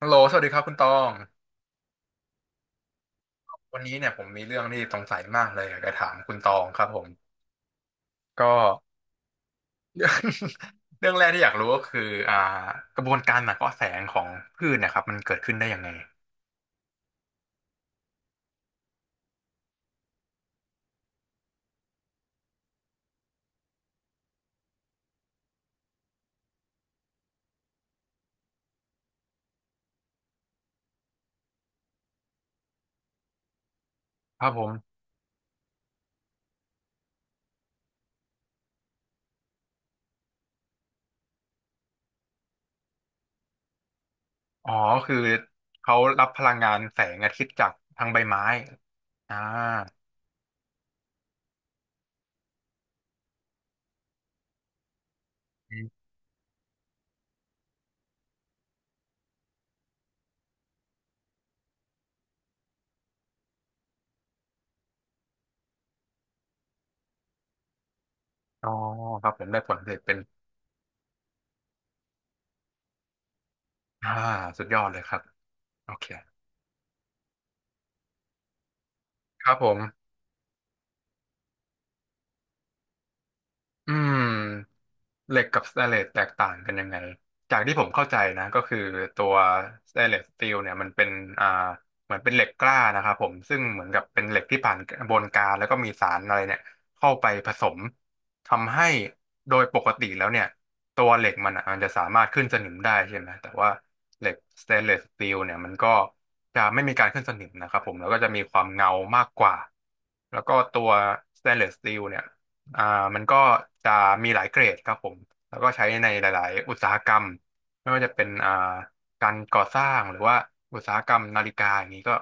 ฮัลโหลสวัสดีครับคุณตองวันนี้เนี่ยผมมีเรื่องที่สงสัยมากเลยอยากจะถามคุณตองครับผมก็ เรื่องแรกที่อยากรู้ก็คืออ่ากระบวนการหนักเกาะแสงของพืชเนะครับมันเกิดขึ้นได้ยังไงครับผมอ๋อคือเขารับพลังงานแสงอาทิตย์จากทางใบไม้อ่าอมอ๋อครับผมได้ผลผลิตเป็นอ่าสุดยอดเลยครับโอเคครับผมอืม เหล็กกับสแตนเลสแตกต่างกันยังไงจากที่ผมเข้าใจนะก็คือตัวสแตนเลสสตีลเนี่ยมันเป็นอ่าเหมือนเป็นเหล็กกล้านะครับผมซึ่งเหมือนกับเป็นเหล็กที่ผ่านกระบวนการแล้วก็มีสารอะไรเนี่ยเข้าไปผสมทำให้โดยปกติแล้วเนี่ยตัวเหล็กมันอ่ะมันจะสามารถขึ้นสนิมได้ใช่ไหมแต่ว่าเหล็กสแตนเลสสตีลเนี่ยมันก็จะไม่มีการขึ้นสนิมนะครับผมแล้วก็จะมีความเงามากกว่าแล้วก็ตัวสแตนเลสสตีลเนี่ย อ่ามันก็จะมีหลายเกรดครับผมแล้วก็ใช้ในหลายๆอุตสาหกรรมไม่ว่าจะเป็นการก่อสร้างหรือว่าอุตสาหกรรมนาฬิกาอย่างนี้ก็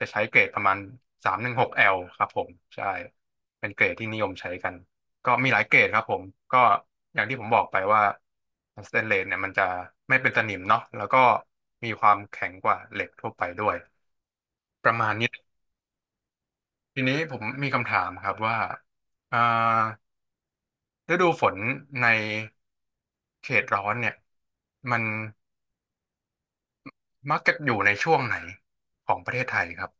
จะใช้เกรดประมาณ 316L ครับผมใช่เป็นเกรดที่นิยมใช้กันก็มีหลายเกรดครับผมก็อย่างที่ผมบอกไปว่าสแตนเลสเนี่ยมันจะไม่เป็นสนิมเนาะแล้วก็มีความแข็งกว่าเหล็กทั่วไปด้วยประมาณนี้ทีนี้ผมมีคำถามครับว่าอ่า ฤดูฝนในเขตร้อนเนี่ยมันมักจะอยู่ในช่วงไหนของประเทศไทยครับ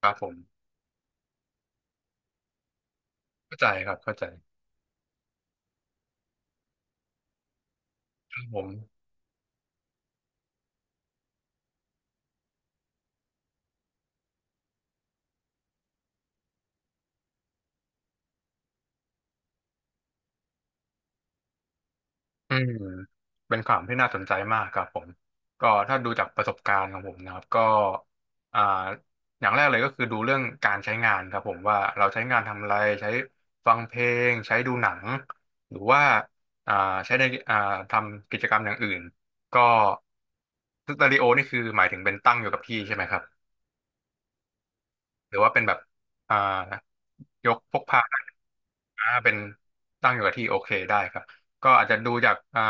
ครับผมเข้าใจครับเข้าใจครับผม อืมเป็นข่าวที่น่าสนใจมากครับผมก็ถ้าดูจากประสบการณ์ของผมนะครับก็อ่าอย่างแรกเลยก็คือดูเรื่องการใช้งานครับผมว่าเราใช้งานทำอะไรใช้ฟังเพลงใช้ดูหนังหรือว่าอ่าใช้ในอ่าทำกิจกรรมอย่างอื่นก็สตูดิโอนี่คือหมายถึงเป็นตั้งอยู่กับที่ใช่ไหมครับ หรือว่าเป็นแบบอ่ายกพกพาได้เป็นตั้งอยู่กับที่โอเคได้ครับก็อาจจะดูจาก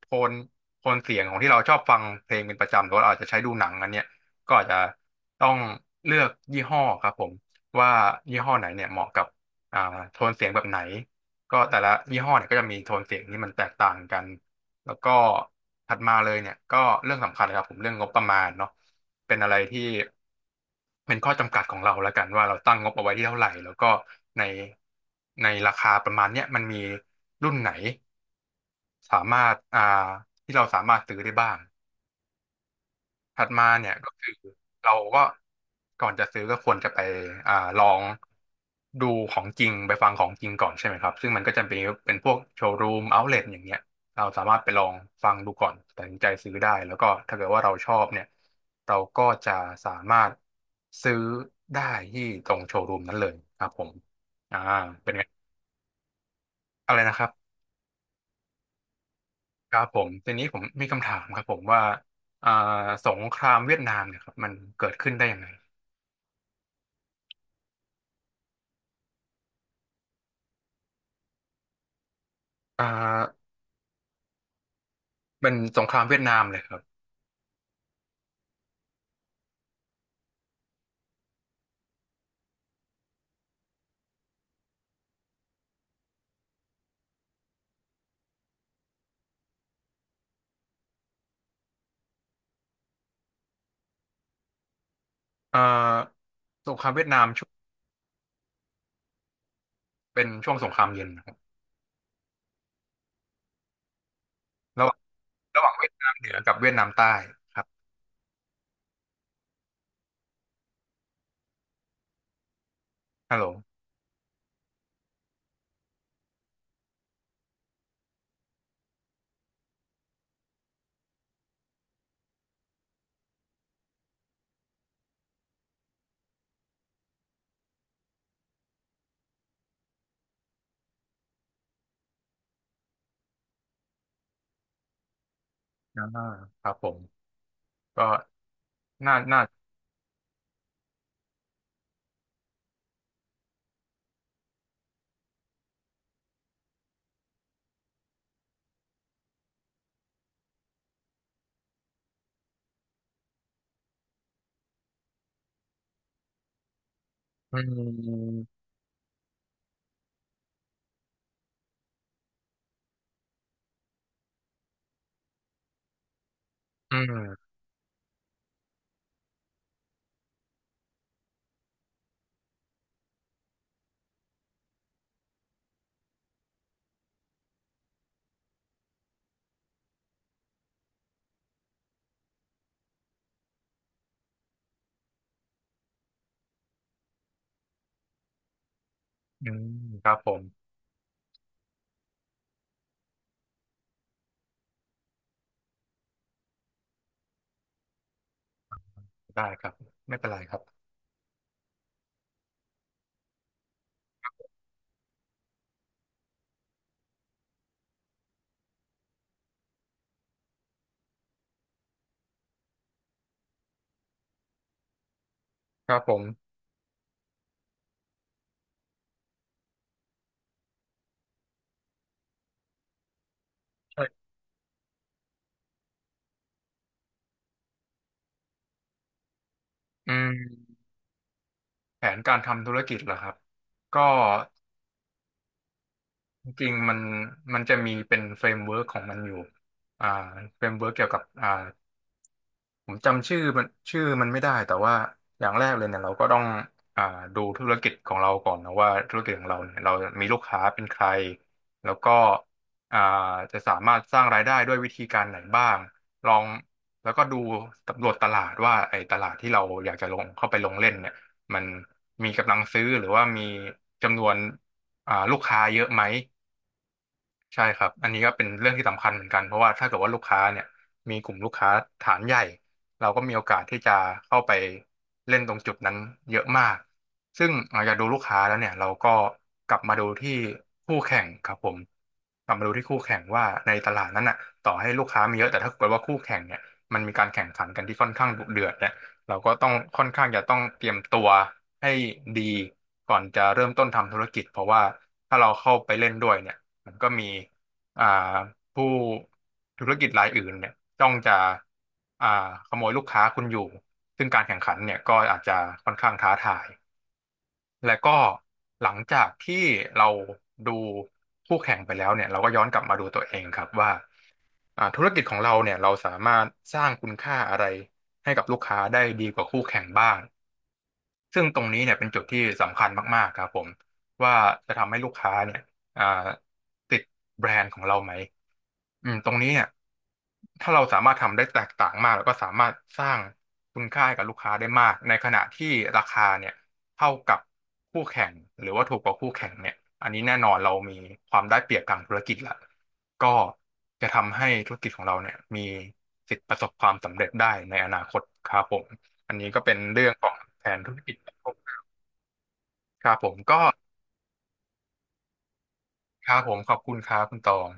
โทนโทนเสียงของที่เราชอบฟังเพลงเป็นประจำหรือว่าเราอาจจะใช้ดูหนังอันเนี้ยก็อาจจะต้องเลือกยี่ห้อครับผมว่ายี่ห้อไหนเนี่ยเหมาะกับอ่าโทนเสียงแบบไหนก็แต่ละยี่ห้อเนี่ยก็จะมีโทนเสียงที่มันแตกต่างกัน แล้วก็ถัดมาเลยเนี่ยก็เรื่องสำคัญเลยครับผมเรื่องงบประมาณเนาะเป็นอะไรที่เป็นข้อจำกัดของเราแล้วกันว่าเราตั้งงบเอาไว้ที่เท่าไหร่แล้วก็ในในราคาประมาณเนี้ยมันมีรุ่นไหนสามารถที่เราสามารถซื้อได้บ้าง ถัดมาเนี่ยก็คือเราก็ก่อนจะซื้อก็ควรจะไปอ่าลองดูของจริงไปฟังของจริงก่อนใช่ไหมครับซึ่งมันก็จะเป็นเป็นพวกโชว์รูมเอาท์เลอย่างเงี้ยเราสามารถไปลองฟังดูก่อนตัดสินใจซื้อได้แล้วก็ถ้าเกิดว่าเราชอบเนี่ยเราก็จะสามารถซื้อได้ที่ตรงโชว์รูมนั้นเลยครับผมอ่าเป็นไงอะไรนะครับครับผมทีนี้ผมมีคำถามครับผมว่าอ่าสงครามเวียดนามเนี่ยครับมันเกิดขึ้นได้ยังไงอ่า เป็นสงครามเวียดนามเลยครับเอ่อสงครามเวียดนามช่วงเป็นช่วงสงครามเย็นนะครับระหว่างระหว่างเวียดนามเหนือกับเวียดนามใต้ครับฮัลโหลอ่าครับผมก็น่าน่าอืมอืมอืมครับผมได้ครับไม่เป็นไรครับครับผมใช่อืมแผนการทำธุรกิจเหรอครับก็จริงๆมันมันจะมีเป็นเฟรมเวิร์กของมันอยู่อ่าเฟรมเวิร์กเกี่ยวกับผมจำชื่อมันชื่อมันไม่ได้แต่ว่าอย่างแรกเลยเนี่ยเราก็ต้องอ่าดูธุรกิจของเราก่อนนะว่าธุรกิจของเราเนี่ยเรามีลูกค้าเป็นใครแล้วก็อ่าจะสามารถสร้างรายได้ด้วยวิธีการไหนบ้างลองแล้วก็ดูสำรวจตลาดว่าไอ้ตลาดที่เราอยากจะลงเข้าไปลงเล่นเนี่ยมันมีกำลังซื้อหรือว่ามีจำนวนลูกค้าเยอะไหม ใช่ครับ อันนี้ก็เป็นเรื่องที่สำคัญเหมือนกันเพราะว่าถ้าเกิดว่าลูกค้าเนี่ยมีกลุ่มลูกค้าฐานใหญ่เราก็มีโอกาสที่จะเข้าไปเล่นตรงจุดนั้นเยอะมากซึ่งหลังจากดูลูกค้าแล้วเนี่ยเราก็กลับมาดูที่คู่แข่งครับผมกลับมาดูที่คู่แข่งว่าในตลาดนั้นน่ะต่อให้ลูกค้ามีเยอะแต่ถ้าเกิดว่าคู่แข่งเนี่ยมันมีการแข่งขันกันที่ค่อนข้างดุเดือดเนี่ยเราก็ต้องค่อนข้างจะต้องเตรียมตัวให้ดีก่อนจะเริ่มต้นทำธุรกิจเพราะว่าถ้าเราเข้าไปเล่นด้วยเนี่ย มันก็มีอ่าผู้ธุรกิจรายอื่นเนี่ยต้องจะอ่าขโมยลูกค้าคุณอยู่ซึ่งการแข่งขันเนี่ยก็อาจจะค่อนข้างท้าทายและก็หลังจากที่เราดูคู่แข่งไปแล้วเนี่ยเราก็ย้อนกลับมาดูตัวเองครับว่าธุรกิจของเราเนี่ยเราสามารถสร้างคุณค่าอะไรให้กับลูกค้าได้ดีกว่าคู่แข่งบ้าง ซึ่งตรงนี้เนี่ยเป็นจุดที่สำคัญมากๆครับผมว่าจะทำให้ลูกค้าเนี่ยอ่าติดแบรนด์ของเราไหมอืมตรงนี้เนี่ยถ้าเราสามารถทำได้แตกต่างมากแล้วก็สามารถสร้างคุณค่าให้กับลูกค้าได้มากในขณะที่ราคาเนี่ยเท่ากับคู่แข่งหรือว่าถูกกว่าคู่แข่งเนี่ยอันนี้แน่นอนเรามีความได้เปรียบทางธุรกิจละก็จะทำให้ธุรกิจของเราเนี่ยมีสิทธิ์ประสบความสำเร็จได้ในอนาคตครับผมอันนี้ก็เป็นเรื่องของแผนธุรกิจ ครับผมก็ครับผมขอบคุณครับคุณตอง